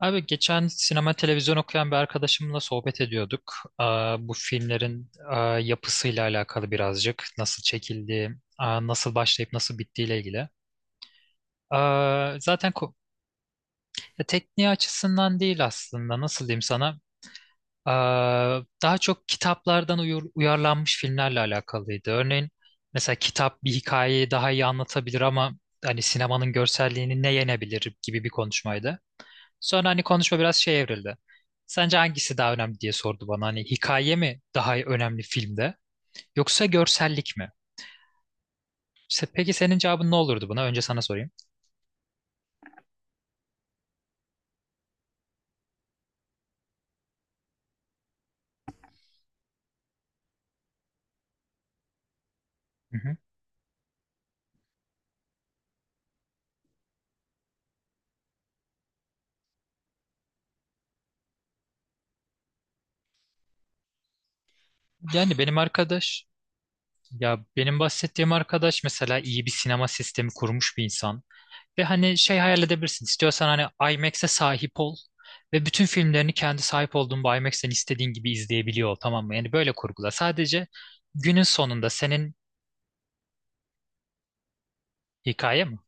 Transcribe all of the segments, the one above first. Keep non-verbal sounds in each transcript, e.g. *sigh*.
Abi geçen sinema televizyon okuyan bir arkadaşımla sohbet ediyorduk. Bu filmlerin yapısıyla alakalı birazcık. Nasıl çekildiği, nasıl başlayıp nasıl bittiğiyle ilgili. Aa, zaten ko- ya tekniği açısından değil aslında. Nasıl diyeyim sana? Daha çok kitaplardan uyarlanmış filmlerle alakalıydı. Örneğin mesela kitap bir hikayeyi daha iyi anlatabilir ama hani sinemanın görselliğini ne yenebilir gibi bir konuşmaydı. Sonra hani konuşma biraz şey evrildi. Sence hangisi daha önemli diye sordu bana. Hani hikaye mi daha önemli filmde yoksa görsellik mi? Peki senin cevabın ne olurdu buna? Önce sana sorayım. Hı hı. Yani benim arkadaş ya benim bahsettiğim arkadaş mesela iyi bir sinema sistemi kurmuş bir insan. Ve hani şey hayal edebilirsin. İstiyorsan hani IMAX'e sahip ol ve bütün filmlerini kendi sahip olduğun bu IMAX'ten istediğin gibi izleyebiliyor ol, tamam mı? Yani böyle kurgula. Sadece günün sonunda senin hikaye mi?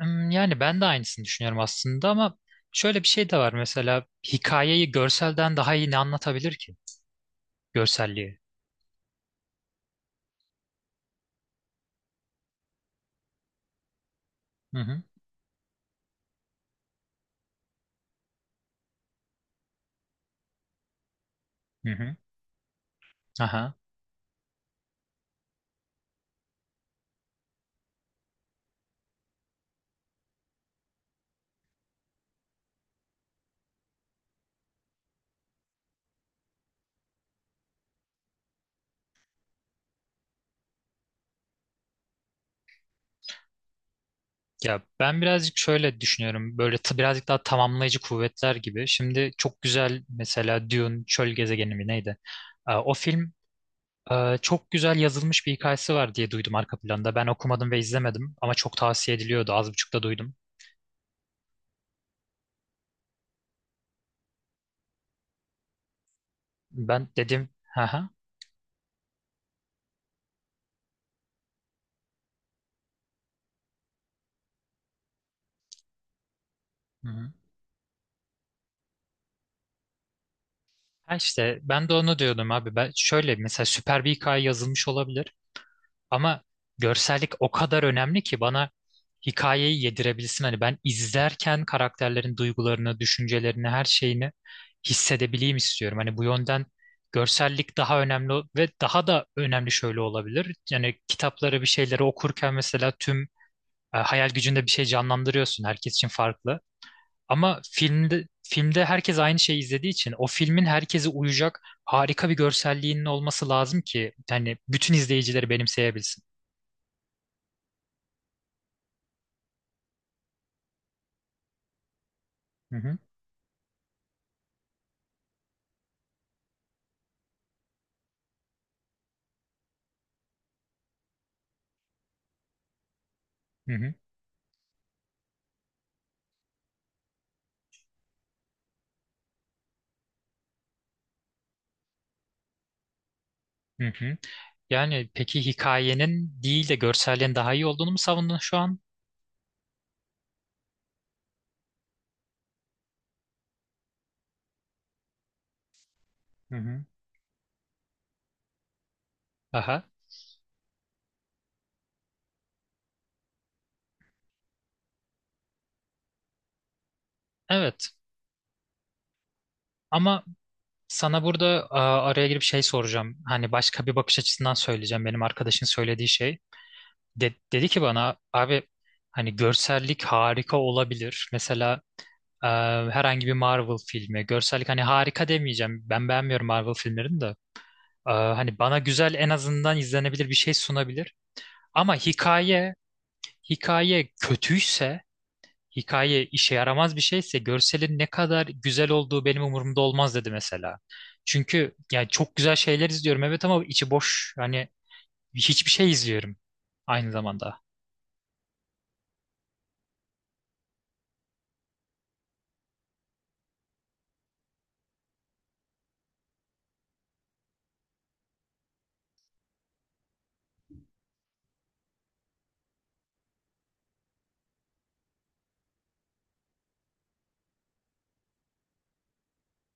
Hmm, yani ben de aynısını düşünüyorum aslında ama şöyle bir şey de var mesela hikayeyi görselden daha iyi ne anlatabilir ki? Görselliği. Hı hı. Hı hı. Aha. Ya ben birazcık şöyle düşünüyorum. Böyle birazcık daha tamamlayıcı kuvvetler gibi. Şimdi çok güzel mesela Dune Çöl Gezegeni mi neydi? O film çok güzel yazılmış bir hikayesi var diye duydum arka planda. Ben okumadım ve izlemedim ama çok tavsiye ediliyordu. Az buçuk da duydum. Ben dedim. Aha. Ha işte ben de onu diyordum abi. Ben şöyle mesela süper bir hikaye yazılmış olabilir ama görsellik o kadar önemli ki bana hikayeyi yedirebilsin. Hani ben izlerken karakterlerin duygularını, düşüncelerini, her şeyini hissedebileyim istiyorum. Hani bu yönden görsellik daha önemli ve daha da önemli şöyle olabilir. Yani kitapları bir şeyleri okurken mesela tüm hayal gücünde bir şey canlandırıyorsun. Herkes için farklı. Ama filmde herkes aynı şeyi izlediği için o filmin herkese uyacak harika bir görselliğinin olması lazım ki yani bütün izleyicileri benimseyebilsin. Hı hı, hı hı, hı hı. Yani peki hikayenin değil de görselliğin daha iyi olduğunu mu savundun şu an? Hı hı. Aha. Evet. Ama sana burada araya girip şey soracağım. Hani başka bir bakış açısından söyleyeceğim. Benim arkadaşın söylediği şey. Dedi ki bana abi hani görsellik harika olabilir. Mesela Ee, herhangi bir Marvel filmi. Görsellik hani harika demeyeceğim. Ben beğenmiyorum Marvel filmlerini de. Hani bana güzel en azından izlenebilir bir şey sunabilir. Ama hikaye, hikaye kötüyse, hikaye işe yaramaz bir şeyse görselin ne kadar güzel olduğu benim umurumda olmaz dedi mesela. Çünkü yani çok güzel şeyler izliyorum, evet, ama içi boş. Hani hiçbir şey izliyorum aynı zamanda.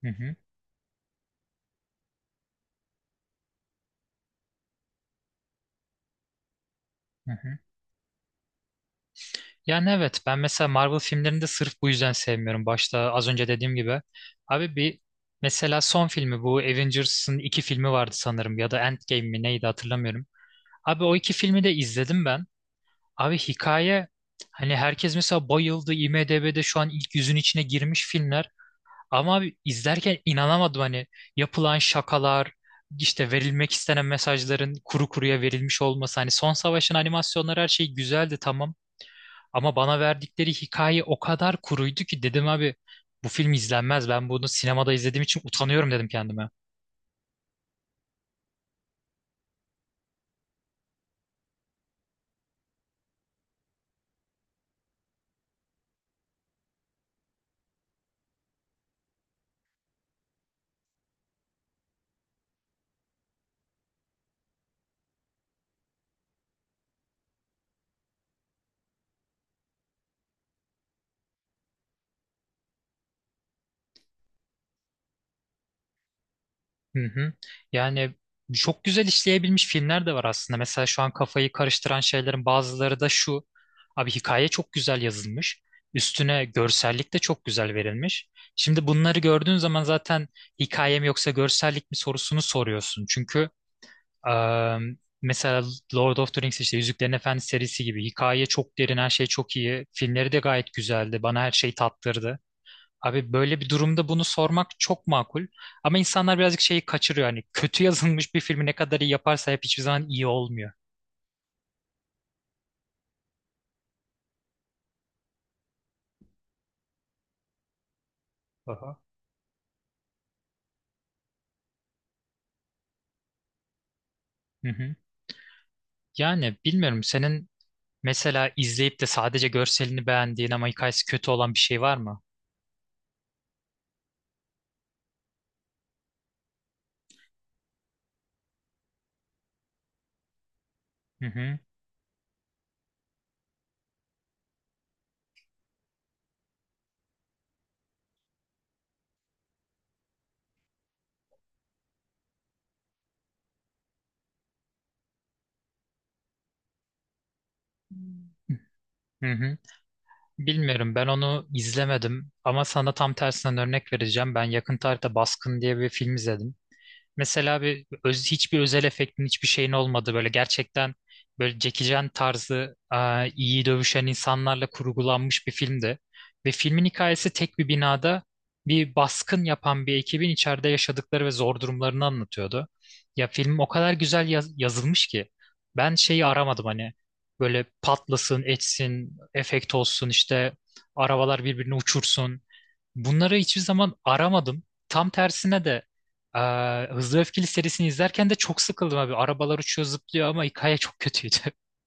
Hı hı. Hı hı. Yani evet ben mesela Marvel filmlerini de sırf bu yüzden sevmiyorum. Başta az önce dediğim gibi. Abi bir mesela son filmi bu Avengers'ın iki filmi vardı sanırım ya da Endgame mi neydi hatırlamıyorum. Abi o iki filmi de izledim ben. Abi hikaye hani herkes mesela bayıldı, IMDb'de şu an ilk yüzün içine girmiş filmler. Ama abi izlerken inanamadım hani yapılan şakalar, işte verilmek istenen mesajların kuru kuruya verilmiş olması. Hani Son Savaş'ın animasyonları, her şey güzeldi, tamam. Ama bana verdikleri hikaye o kadar kuruydu ki dedim abi bu film izlenmez. Ben bunu sinemada izlediğim için utanıyorum dedim kendime. Hı hı. Yani çok güzel işleyebilmiş filmler de var aslında. Mesela şu an kafayı karıştıran şeylerin bazıları da şu. Abi hikaye çok güzel yazılmış. Üstüne görsellik de çok güzel verilmiş. Şimdi bunları gördüğün zaman zaten hikayem yoksa görsellik mi sorusunu soruyorsun. Çünkü Eee, mesela Lord of the Rings, işte Yüzüklerin Efendisi serisi gibi. Hikaye çok derin, her şey çok iyi. Filmleri de gayet güzeldi. Bana her şeyi tattırdı. Abi böyle bir durumda bunu sormak çok makul. Ama insanlar birazcık şeyi kaçırıyor. Hani kötü *laughs* yazılmış bir filmi ne kadar iyi yaparsa hep hiçbir zaman iyi olmuyor. Aha. Hı hı. Yani bilmiyorum, senin mesela izleyip de sadece görselini beğendiğin ama hikayesi kötü olan bir şey var mı? Hı hı. Hı hı. Bilmiyorum, ben onu izlemedim ama sana tam tersinden örnek vereceğim. Ben yakın tarihte Baskın diye bir film izledim. Mesela hiçbir özel efektin, hiçbir şeyin olmadı, böyle gerçekten böyle Jackie Chan tarzı iyi dövüşen insanlarla kurgulanmış bir filmdi. Ve filmin hikayesi tek bir binada bir baskın yapan bir ekibin içeride yaşadıkları ve zor durumlarını anlatıyordu. Ya film o kadar güzel yazılmış ki ben şeyi aramadım hani böyle patlasın, etsin, efekt olsun, işte arabalar birbirini uçursun. Bunları hiçbir zaman aramadım. Tam tersine de Hızlı ve Öfkeli serisini izlerken de çok sıkıldım abi. Arabalar uçuyor zıplıyor ama hikaye çok kötüydü. *laughs*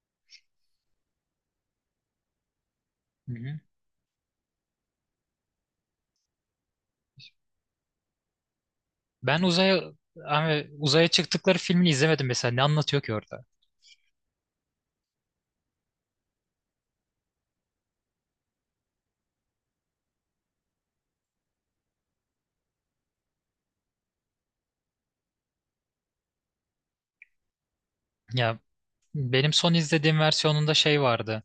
Hı hı. Ben uzaya abi, uzaya çıktıkları filmini izlemedim mesela. Ne anlatıyor ki orada? Ya benim son izlediğim versiyonunda şey vardı.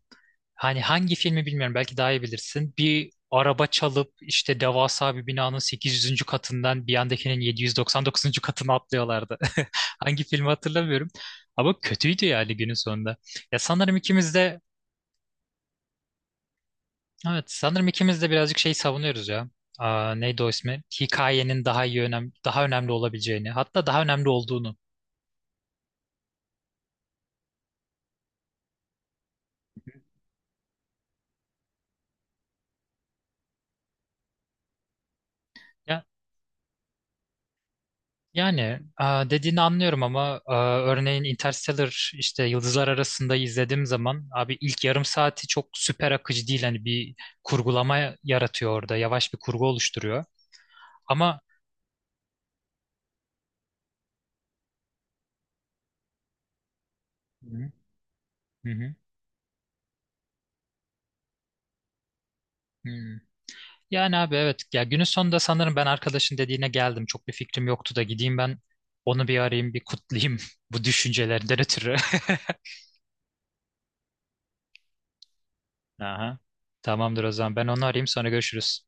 Hani hangi filmi bilmiyorum, belki daha iyi bilirsin. Bir araba çalıp işte devasa bir binanın 800. katından bir yandakinin 799. katına atlıyorlardı. *laughs* Hangi filmi hatırlamıyorum. Ama kötüydü yani günün sonunda. Ya sanırım ikimiz de evet sanırım ikimiz de birazcık şey savunuyoruz ya. Neydi o ismi? Hikayenin daha önemli olabileceğini, hatta daha önemli olduğunu. Yani dediğini anlıyorum ama örneğin Interstellar, işte Yıldızlar Arasında izlediğim zaman abi ilk yarım saati çok süper akıcı değil, hani bir kurgulama yaratıyor, orada yavaş bir kurgu oluşturuyor ama Hı hı. Hı. Hı. Yani abi evet ya günün sonunda sanırım ben arkadaşın dediğine geldim, çok bir fikrim yoktu da gideyim ben onu bir arayayım, bir kutlayayım *laughs* bu düşüncelerden ötürü. *laughs* Aha. Tamamdır o zaman, ben onu arayayım, sonra görüşürüz.